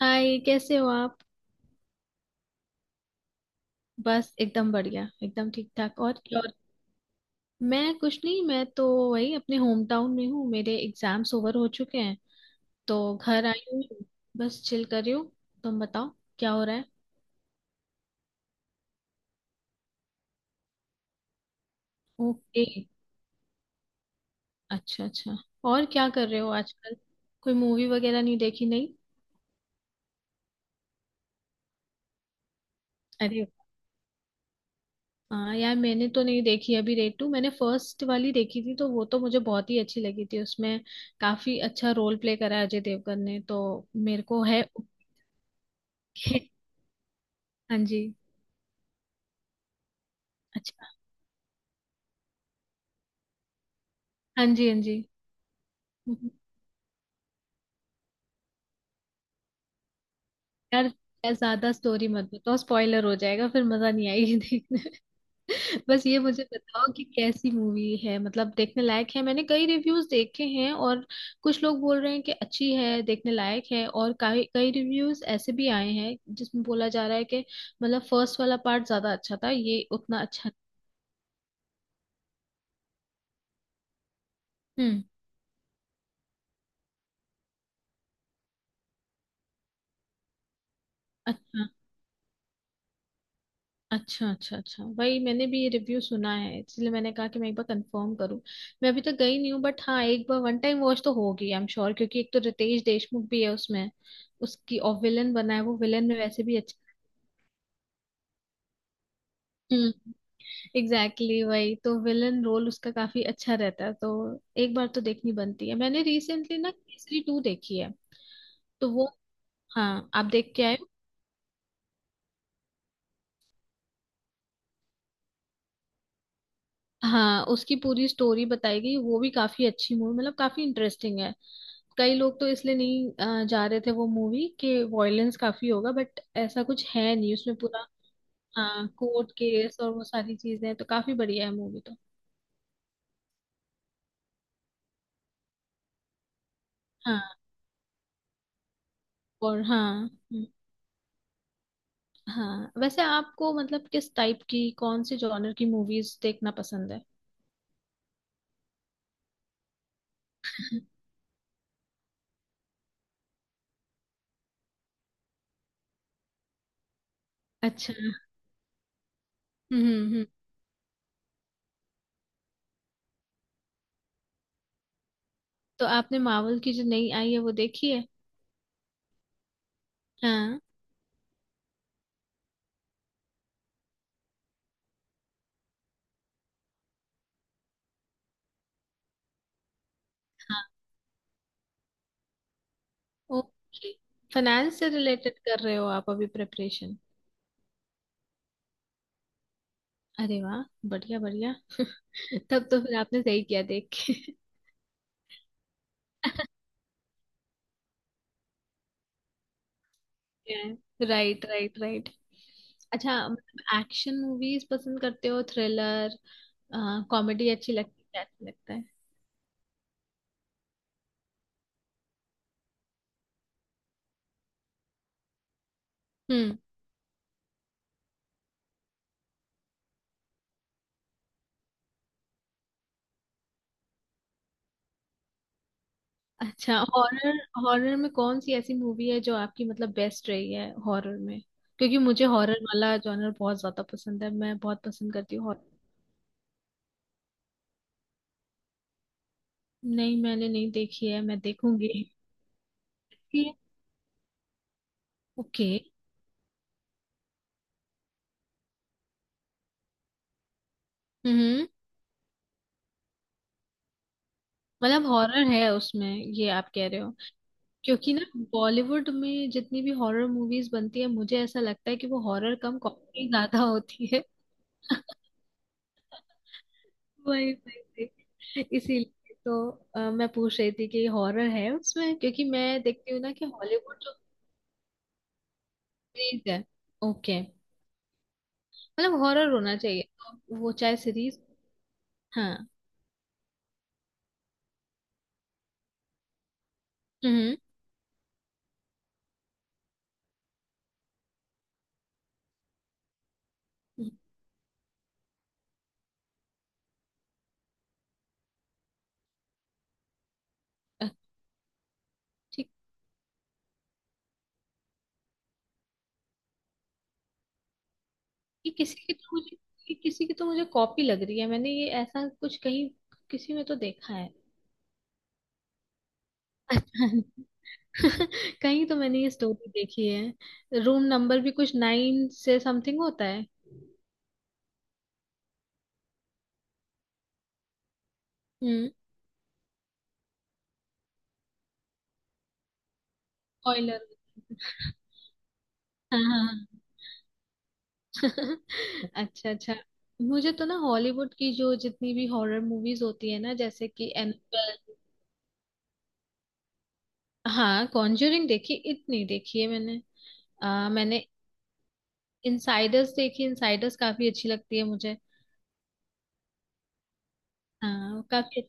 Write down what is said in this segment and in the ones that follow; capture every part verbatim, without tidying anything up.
हाय, कैसे हो आप? बस एकदम बढ़िया, एकदम ठीक ठाक। और क्या? और मैं कुछ नहीं, मैं तो वही अपने होम टाउन में हूँ। मेरे एग्जाम्स ओवर हो चुके हैं तो घर आई हुई हूँ। बस चिल कर रही हूँ। तुम बताओ, क्या हो रहा है? ओके। अच्छा अच्छा। और क्या कर रहे हो आजकल? कोई मूवी वगैरह नहीं देखी? नहीं? अरे हाँ यार, मैंने तो नहीं देखी अभी रेड टू। मैंने फर्स्ट वाली देखी थी तो वो तो मुझे बहुत ही अच्छी लगी थी। उसमें काफी अच्छा रोल प्ले करा है अजय देवगन ने तो, मेरे को है। हाँ जी। अच्छा। हाँ जी, हाँ जी। हम्म। यार, यार ज्यादा स्टोरी मत बताओ, स्पॉइलर हो जाएगा, फिर मजा नहीं आएगी देखने में। बस ये मुझे बताओ कि कैसी मूवी है, मतलब देखने लायक है? मैंने कई रिव्यूज देखे हैं और कुछ लोग बोल रहे हैं कि अच्छी है, देखने लायक है, और कई कई रिव्यूज ऐसे भी आए हैं जिसमें बोला जा रहा है कि मतलब फर्स्ट वाला पार्ट ज्यादा अच्छा था, ये उतना अच्छा। हम्म। अच्छा, अच्छा अच्छा अच्छा, वही मैंने भी ये रिव्यू सुना है, इसलिए मैंने कहा कि मैं एक बार कंफर्म करूं। मैं अभी तक गई नहीं हूँ, बट हाँ, एक बार वन टाइम वॉच तो होगी, आई एम श्योर। क्योंकि एक तो रितेश देशमुख भी है उसमें, उसकी और विलन बना है वो। विलन में वैसे भी अच्छा। हम्म। एग्जैक्टली, exactly, वही तो विलन रोल उसका काफी अच्छा रहता है, तो एक बार तो देखनी बनती है। मैंने रिसेंटली ना केसरी टू देखी है तो वो, हाँ आप देख के आए हो? हाँ उसकी पूरी स्टोरी बताई गई, वो भी काफी अच्छी मूवी, मतलब काफी इंटरेस्टिंग है। कई लोग तो इसलिए नहीं अ, जा रहे थे वो मूवी, कि वॉयलेंस काफी होगा, बट ऐसा कुछ है नहीं उसमें पूरा। हाँ कोर्ट केस और वो सारी चीजें हैं, तो काफी बढ़िया है मूवी तो। हाँ। और हाँ। हम्म, हाँ वैसे आपको मतलब किस टाइप की, कौन से जॉनर की मूवीज देखना पसंद है? अच्छा। हम्म हम्म। तो आपने मार्वल की जो नई आई है वो देखी है? हाँ। हाँ। ओके। फाइनेंस से रिलेटेड कर रहे हो आप अभी प्रिपरेशन? अरे वाह, बढ़िया बढ़िया। तब तो फिर आपने सही किया देख के। Right right right. अच्छा, मतलब एक्शन मूवीज पसंद करते हो? थ्रिलर, कॉमेडी अच्छी लगती है क्या? अच्छा लगता है? हम्म। अच्छा, हॉरर, हॉरर में कौन सी ऐसी मूवी है जो आपकी मतलब बेस्ट रही है हॉरर में? क्योंकि मुझे हॉरर वाला जॉनर बहुत ज्यादा पसंद है, मैं बहुत पसंद करती हूँ हॉरर। नहीं मैंने नहीं देखी है, मैं देखूंगी। ओके। हम्म। मतलब हॉरर है उसमें, ये आप कह रहे हो? क्योंकि ना, बॉलीवुड में जितनी भी हॉरर मूवीज बनती है, मुझे ऐसा लगता है कि वो हॉरर कम कॉमेडी ज्यादा होती है। वही वही वही। इसीलिए तो अ, मैं पूछ रही थी कि हॉरर है उसमें, क्योंकि मैं देखती हूँ ना कि हॉलीवुड जो। सीरीज है। ओके। मतलब हॉरर होना चाहिए, तो वो चाहे सीरीज। हाँ। हम्म। अ, ठीक। ये किसी की तो मुझे ये किसी की तो मुझे कॉपी लग रही है, मैंने ये ऐसा कुछ कहीं, किसी में तो देखा है। कहीं तो मैंने ये स्टोरी देखी है, रूम नंबर भी कुछ नाइन से समथिंग होता है। हम्म। ऑयलर। हाँ हाँ हाँ। अच्छा अच्छा। मुझे तो ना, हॉलीवुड की जो जितनी भी हॉरर मूवीज होती है ना, जैसे कि एनाबेल। हाँ कॉन्जरिंग देखी, इतनी देखी है मैंने। आ, मैंने इनसाइडर्स देखी, इनसाइडर्स काफी अच्छी लगती है मुझे। हाँ काफी।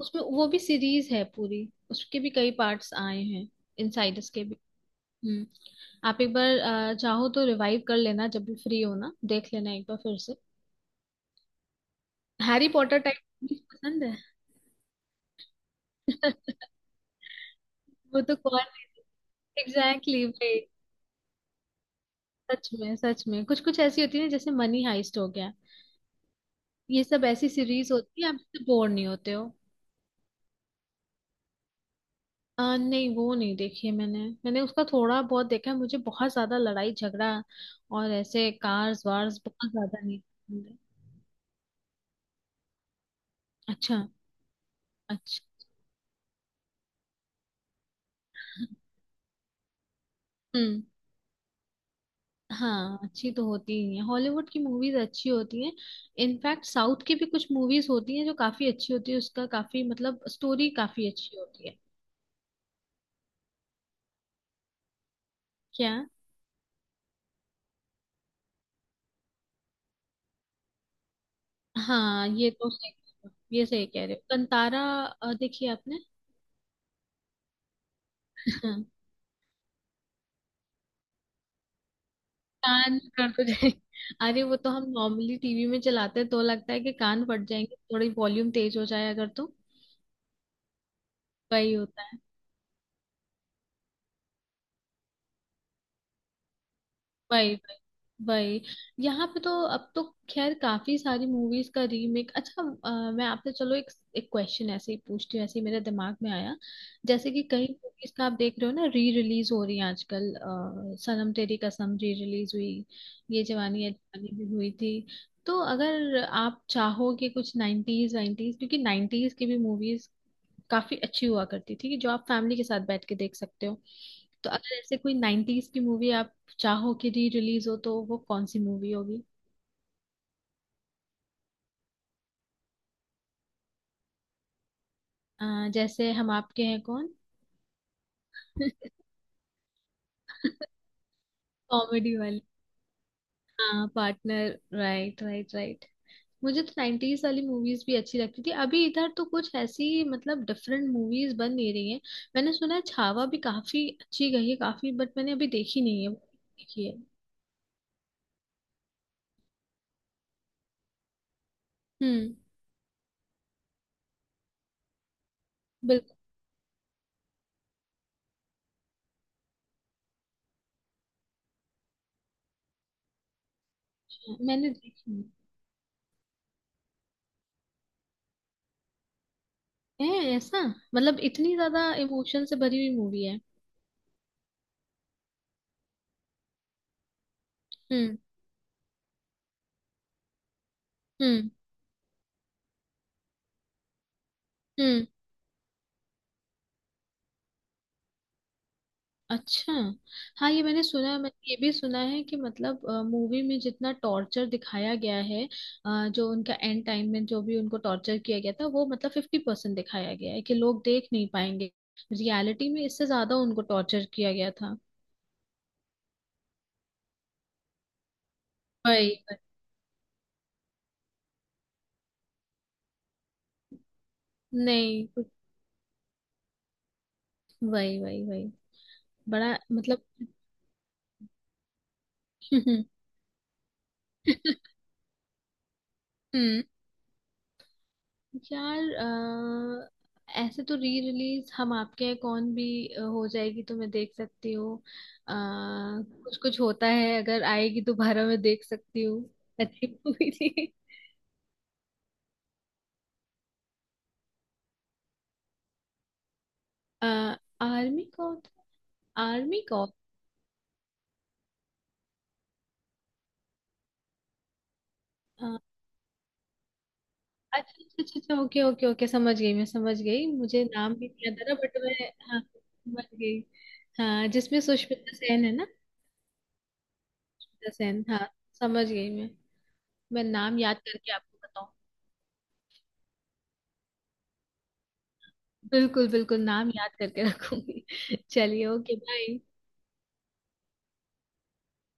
उसमें वो भी सीरीज है पूरी, उसके भी कई पार्ट्स आए हैं इनसाइडर्स के भी। हम्म। आप एक बार अ, चाहो तो रिवाइव कर लेना, जब भी फ्री हो ना देख लेना एक बार फिर से। हैरी पॉटर टाइप पसंद है? वो तो कौन। एग्जैक्टली, exactly, भाई सच में सच में, कुछ कुछ ऐसी होती है ना, जैसे मनी हाइस्ट हो गया, ये सब ऐसी सीरीज होती है आप इससे बोर नहीं होते हो। आ, नहीं वो नहीं देखी है मैंने, मैंने उसका थोड़ा बहुत देखा है। मुझे बहुत ज्यादा लड़ाई झगड़ा और ऐसे कार्स वार्स बहुत ज्यादा नहीं पसंद है। अच्छा। अच्छा। हम्म। हाँ अच्छी तो होती ही है, हॉलीवुड की मूवीज अच्छी होती हैं। इनफैक्ट साउथ की भी कुछ मूवीज होती हैं जो काफी अच्छी होती है, उसका काफी मतलब स्टोरी काफी अच्छी होती है। क्या? हाँ ये तो सही कह रहे हो, ये सही कह रहे हो। कंतारा अ, देखी आपने? हाँ, कान कर तो जाए। अरे वो तो हम नॉर्मली टीवी में चलाते हैं तो लगता है कि कान फट जाएंगे, थोड़ी वॉल्यूम तेज हो जाए अगर तो। वही होता है। वही वही वही। यहाँ पे तो अब तो, खैर काफी सारी मूवीज का रीमेक। अच्छा अ, मैं आपसे चलो एक एक क्वेश्चन ऐसे ही पूछती हूँ, ऐसे ही मेरे दिमाग में आया। जैसे कि कई मूवीज का आप देख रहे हो ना री रिलीज हो रही है आजकल, अ, सनम तेरी कसम री रिलीज हुई, ये जवानी है दीवानी भी हुई थी। तो अगर आप चाहो कि कुछ नाइन्टीज वाइन्टीज, क्योंकि नाइन्टीज की भी मूवीज काफी अच्छी हुआ करती थी कि जो आप फैमिली के साथ बैठ के देख सकते हो, तो अगर ऐसे कोई नाइन्टीज की मूवी आप चाहो कि री रिलीज हो, तो वो कौन सी मूवी होगी? अ, जैसे हम आपके हैं कौन। कॉमेडी वाली। हाँ पार्टनर। Right right right. मुझे तो नाइन्टीज वाली मूवीज भी अच्छी लगती थी, अभी इधर तो कुछ ऐसी मतलब डिफरेंट मूवीज बन नहीं रही हैं। मैंने सुना है छावा भी काफी अच्छी गई है, काफी, बट मैंने अभी देखी नहीं है। देखी है? हम्म। बिल्कुल। मैंने देखी है। ऐसा? मतलब इतनी ज्यादा इमोशन से भरी हुई मूवी है? हम्म। हम्म। हम्म। अच्छा। हाँ ये मैंने सुना है, मैंने ये भी सुना है कि मतलब मूवी में जितना टॉर्चर दिखाया गया है, अ, जो उनका एंड टाइम में जो भी उनको टॉर्चर किया गया था, वो मतलब फिफ्टी परसेंट दिखाया गया है, कि लोग देख नहीं पाएंगे, रियलिटी में इससे ज्यादा उनको टॉर्चर किया गया था। वही वही। नहीं। वही वही वही। बड़ा मतलब। हम्म। यार अ, ऐसे तो री रिलीज हम आपके हैं कौन भी अ, हो जाएगी तो मैं देख सकती हूँ। अ, कुछ कुछ होता है अगर आएगी दोबारा मैं देख सकती हूँ, अच्छी मूवी थी। अ, आर्मी कौन? आर्मी कौन? अ, अच्छा अच्छा अच्छा अच्छा, ओके ओके ओके, समझ गई मैं, समझ गई, मुझे नाम भी नहीं याद आ रहा बट मैं हाँ समझ गई। हाँ जिसमें सुष्मिता सेन है ना। सुष्मिता सेन हाँ, समझ गई मैं। मैं नाम याद करके आपको बताऊँ। बिल्कुल बिल्कुल नाम याद करके रखूंगी। चलिए ओके बाय।